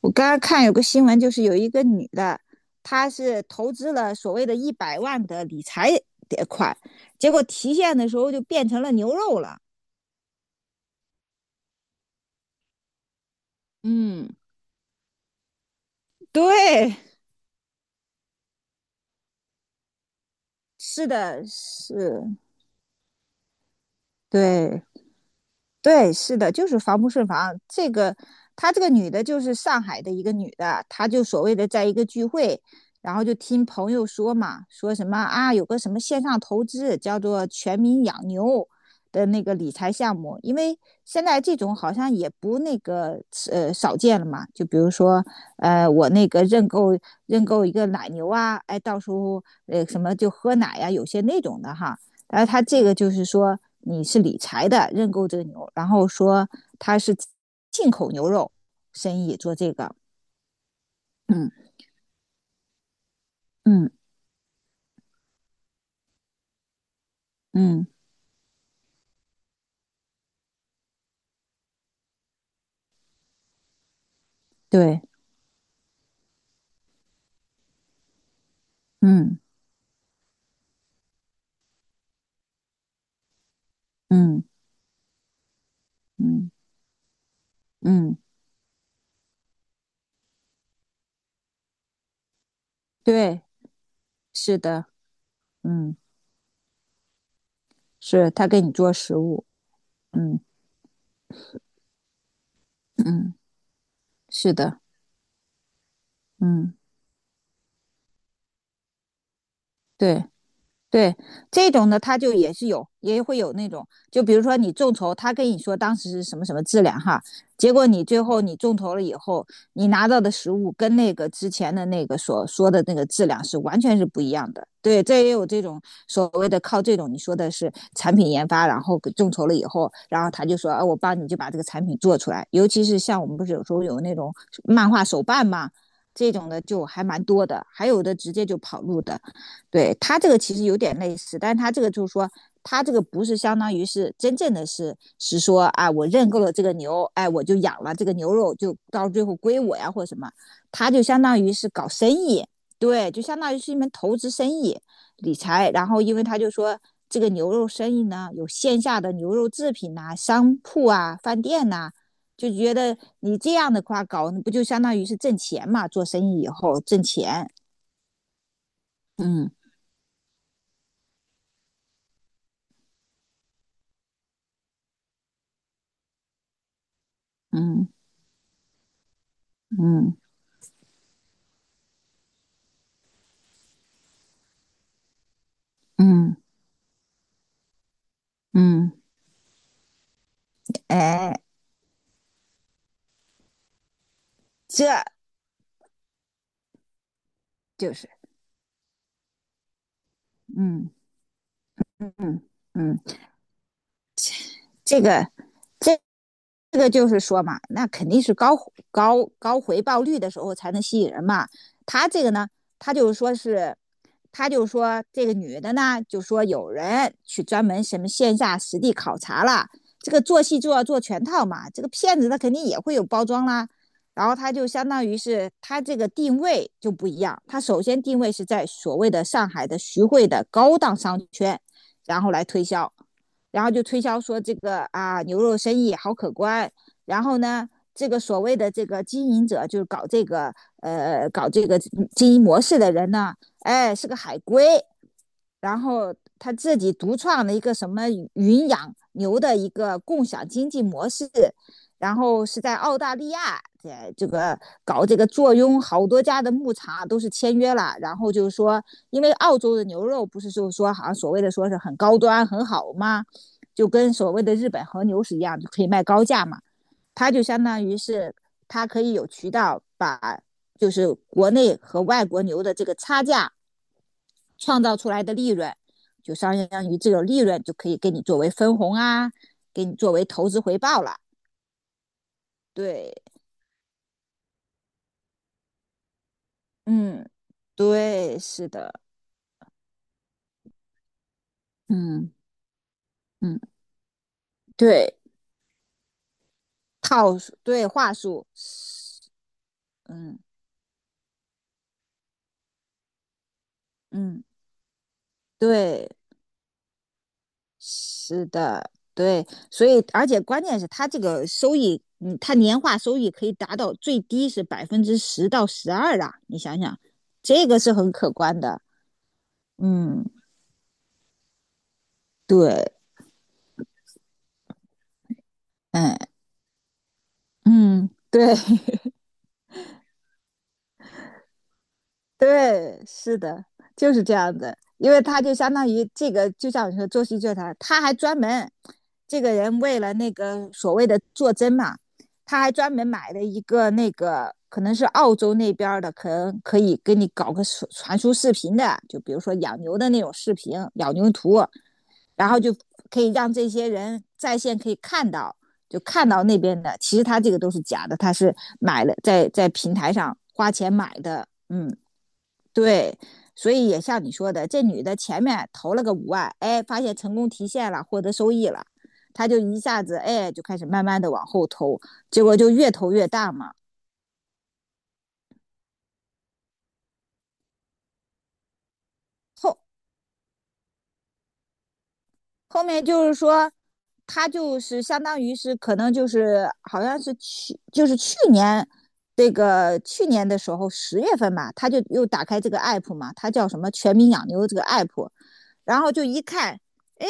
我刚刚看有个新闻，就是有一个女的，她是投资了所谓的100万的理财款，结果提现的时候就变成了牛肉了。嗯，对，是的，是，对，对，是的，就是防不胜防。这个，她这个女的，就是上海的一个女的，她就所谓的在一个聚会，然后就听朋友说嘛，说什么啊，有个什么线上投资叫做"全民养牛"的那个理财项目，因为现在这种好像也不那个少见了嘛。就比如说，我那个认购一个奶牛啊，哎，到时候什么就喝奶呀、有些那种的哈。然后他这个就是说你是理财的认购这个牛，然后说他是进口牛肉生意做这个，嗯嗯嗯，对，嗯嗯嗯嗯，对，是的，嗯，是他给你做食物，嗯，是的，嗯，对，对这种呢，它就也是有，也会有那种，就比如说你众筹，他跟你说当时是什么什么质量哈，结果你最后你众筹了以后，你拿到的实物跟那个之前的那个所说的那个质量是完全是不一样的。对，这也有这种所谓的靠这种你说的是产品研发，然后众筹了以后，然后他就说，啊，我帮你就把这个产品做出来。尤其是像我们不是有时候有那种漫画手办嘛，这种的就还蛮多的，还有的直接就跑路的。对他这个其实有点类似，但他这个就是说，他这个不是相当于是真正的是说啊，我认购了这个牛，哎，我就养了这个牛肉，就到最后归我呀或者什么，他就相当于是搞生意，对，就相当于是一门投资生意理财。然后因为他就说这个牛肉生意呢，有线下的牛肉制品呐、商铺啊、饭店呐、就觉得你这样的话搞，不就相当于是挣钱嘛？做生意以后挣钱，嗯嗯嗯。嗯嗯，哎，这就是，嗯嗯嗯，这个这这个就是说嘛，那肯定是高回报率的时候才能吸引人嘛。他这个呢，他就是说是，他就说这个女的呢，就说有人去专门什么线下实地考察了，这个做戏就要做全套嘛。这个骗子他肯定也会有包装啦，然后他就相当于是他这个定位就不一样，他首先定位是在所谓的上海的徐汇的高档商圈，然后来推销。然后就推销说这个啊牛肉生意好可观，然后呢，这个所谓的这个经营者就是搞这个经营模式的人呢，哎是个海归，然后他自己独创了一个什么云养牛的一个共享经济模式，然后是在澳大利亚在这个搞这个坐拥好多家的牧场都是签约了，然后就是说，因为澳洲的牛肉不是就是说好像所谓的说是很高端很好嘛，就跟所谓的日本和牛是一样，就可以卖高价嘛，它就相当于是它可以有渠道把就是国内和外国牛的这个差价。创造出来的利润，就相当于这种利润就可以给你作为分红啊，给你作为投资回报了。对，嗯，对，是的，嗯嗯，对，套数，对，话术，嗯嗯，对，是的，对，所以而且关键是它这个收益，嗯，它年化收益可以达到最低是10%到12%啊，你想想，这个是很可观的，嗯，对，嗯。嗯，对 对，是的，就是这样的。因为他就相当于这个，就像你说做戏剧团，他还专门这个人为了那个所谓的做针嘛，他还专门买了一个那个可能是澳洲那边儿的，可能可以给你搞个传输视频的，就比如说养牛的那种视频，养牛图，然后就可以让这些人在线可以看到，就看到那边的，其实他这个都是假的，他是买了在平台上花钱买的，嗯，对，所以也像你说的，这女的前面投了个5万，哎，发现成功提现了，获得收益了，她就一下子哎就开始慢慢的往后投，结果就越投越大嘛，后后面就是说，他就是相当于是可能就是好像是去就是去年这个去年的时候10月份吧，他就又打开这个 app 嘛，他叫什么"全民养牛"这个 app，然后就一看，哎，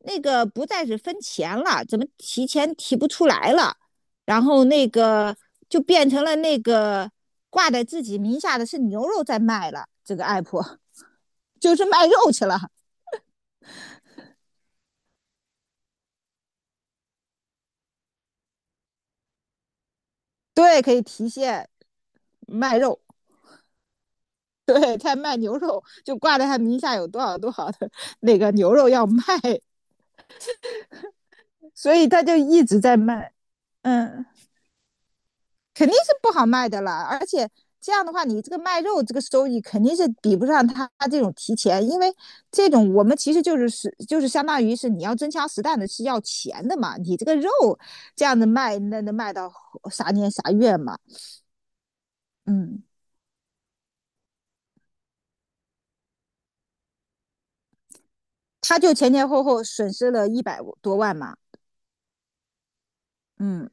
那个不再是分钱了，怎么提前提不出来了？然后那个就变成了那个挂在自己名下的是牛肉在卖了，这个 app 就是卖肉去了，对，可以提现卖肉。对，他卖牛肉，就挂在他名下有多少多少的那个牛肉要卖，所以他就一直在卖。嗯，肯定是不好卖的啦。而且这样的话，你这个卖肉这个收益肯定是比不上他这种提钱，因为这种我们其实就是相当于是你要真枪实弹的是要钱的嘛。你这个肉这样子卖，那能卖到啥年啥月嘛？嗯，他就前前后后损失了一百多万嘛。嗯，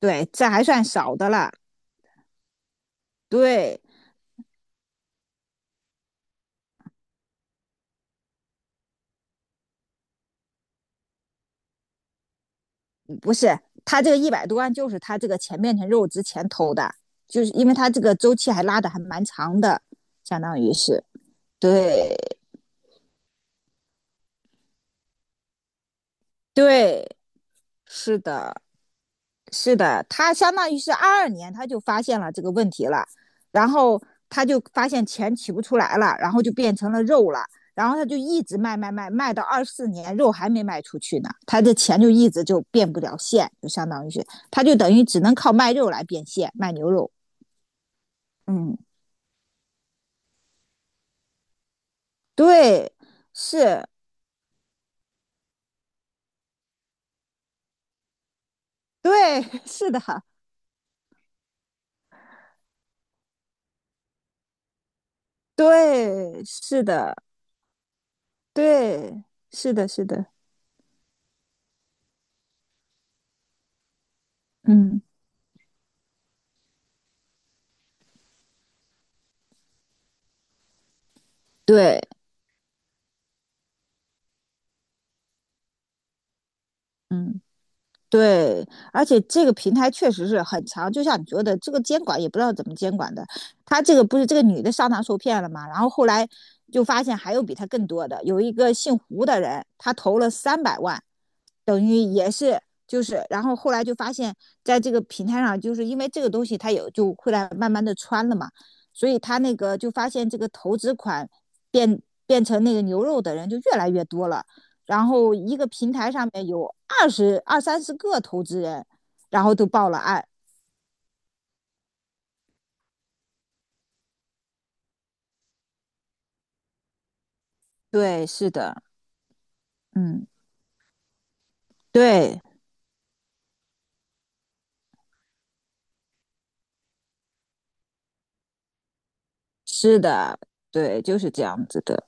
对，这还算少的了。对，不是，他这个一百多万就是他这个钱变成肉之前投的，就是因为他这个周期还拉的还蛮长的，相当于是对对，是的，是的，他相当于是22年他就发现了这个问题了，然后他就发现钱取不出来了，然后就变成了肉了，然后他就一直卖卖卖，卖到24年肉还没卖出去呢，他这钱就一直就变不了现，就相当于是他就等于只能靠卖肉来变现，卖牛肉，嗯。对，是，对，是的，对，是的，对，是的，是的，嗯，对，嗯，对，而且这个平台确实是很长，就像你说的，这个监管也不知道怎么监管的。他这个不是这个女的上当受骗了嘛？然后后来就发现还有比他更多的，有一个姓胡的人，他投了300万。等于也是就是，然后后来就发现，在这个平台上，就是因为这个东西它有就会来慢慢的穿了嘛，所以他那个就发现这个投资款变成那个牛肉的人就越来越多了，然后一个平台上面有二三十个投资人，然后都报了案。对，是的，嗯，对，是的，对，就是这样子的。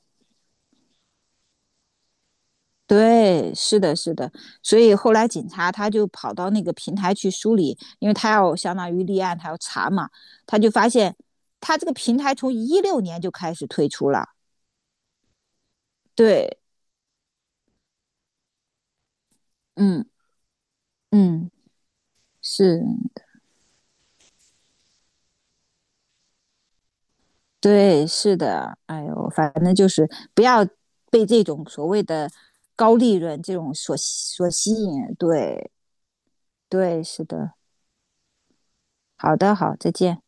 对，是的，是的，所以后来警察他就跑到那个平台去梳理，因为他要相当于立案，他要查嘛，他就发现他这个平台从16年就开始推出了，对，嗯嗯，是，对，是的，哎呦，反正就是不要被这种所谓的高利润这种所吸引，对对，是的，好的，好，再见。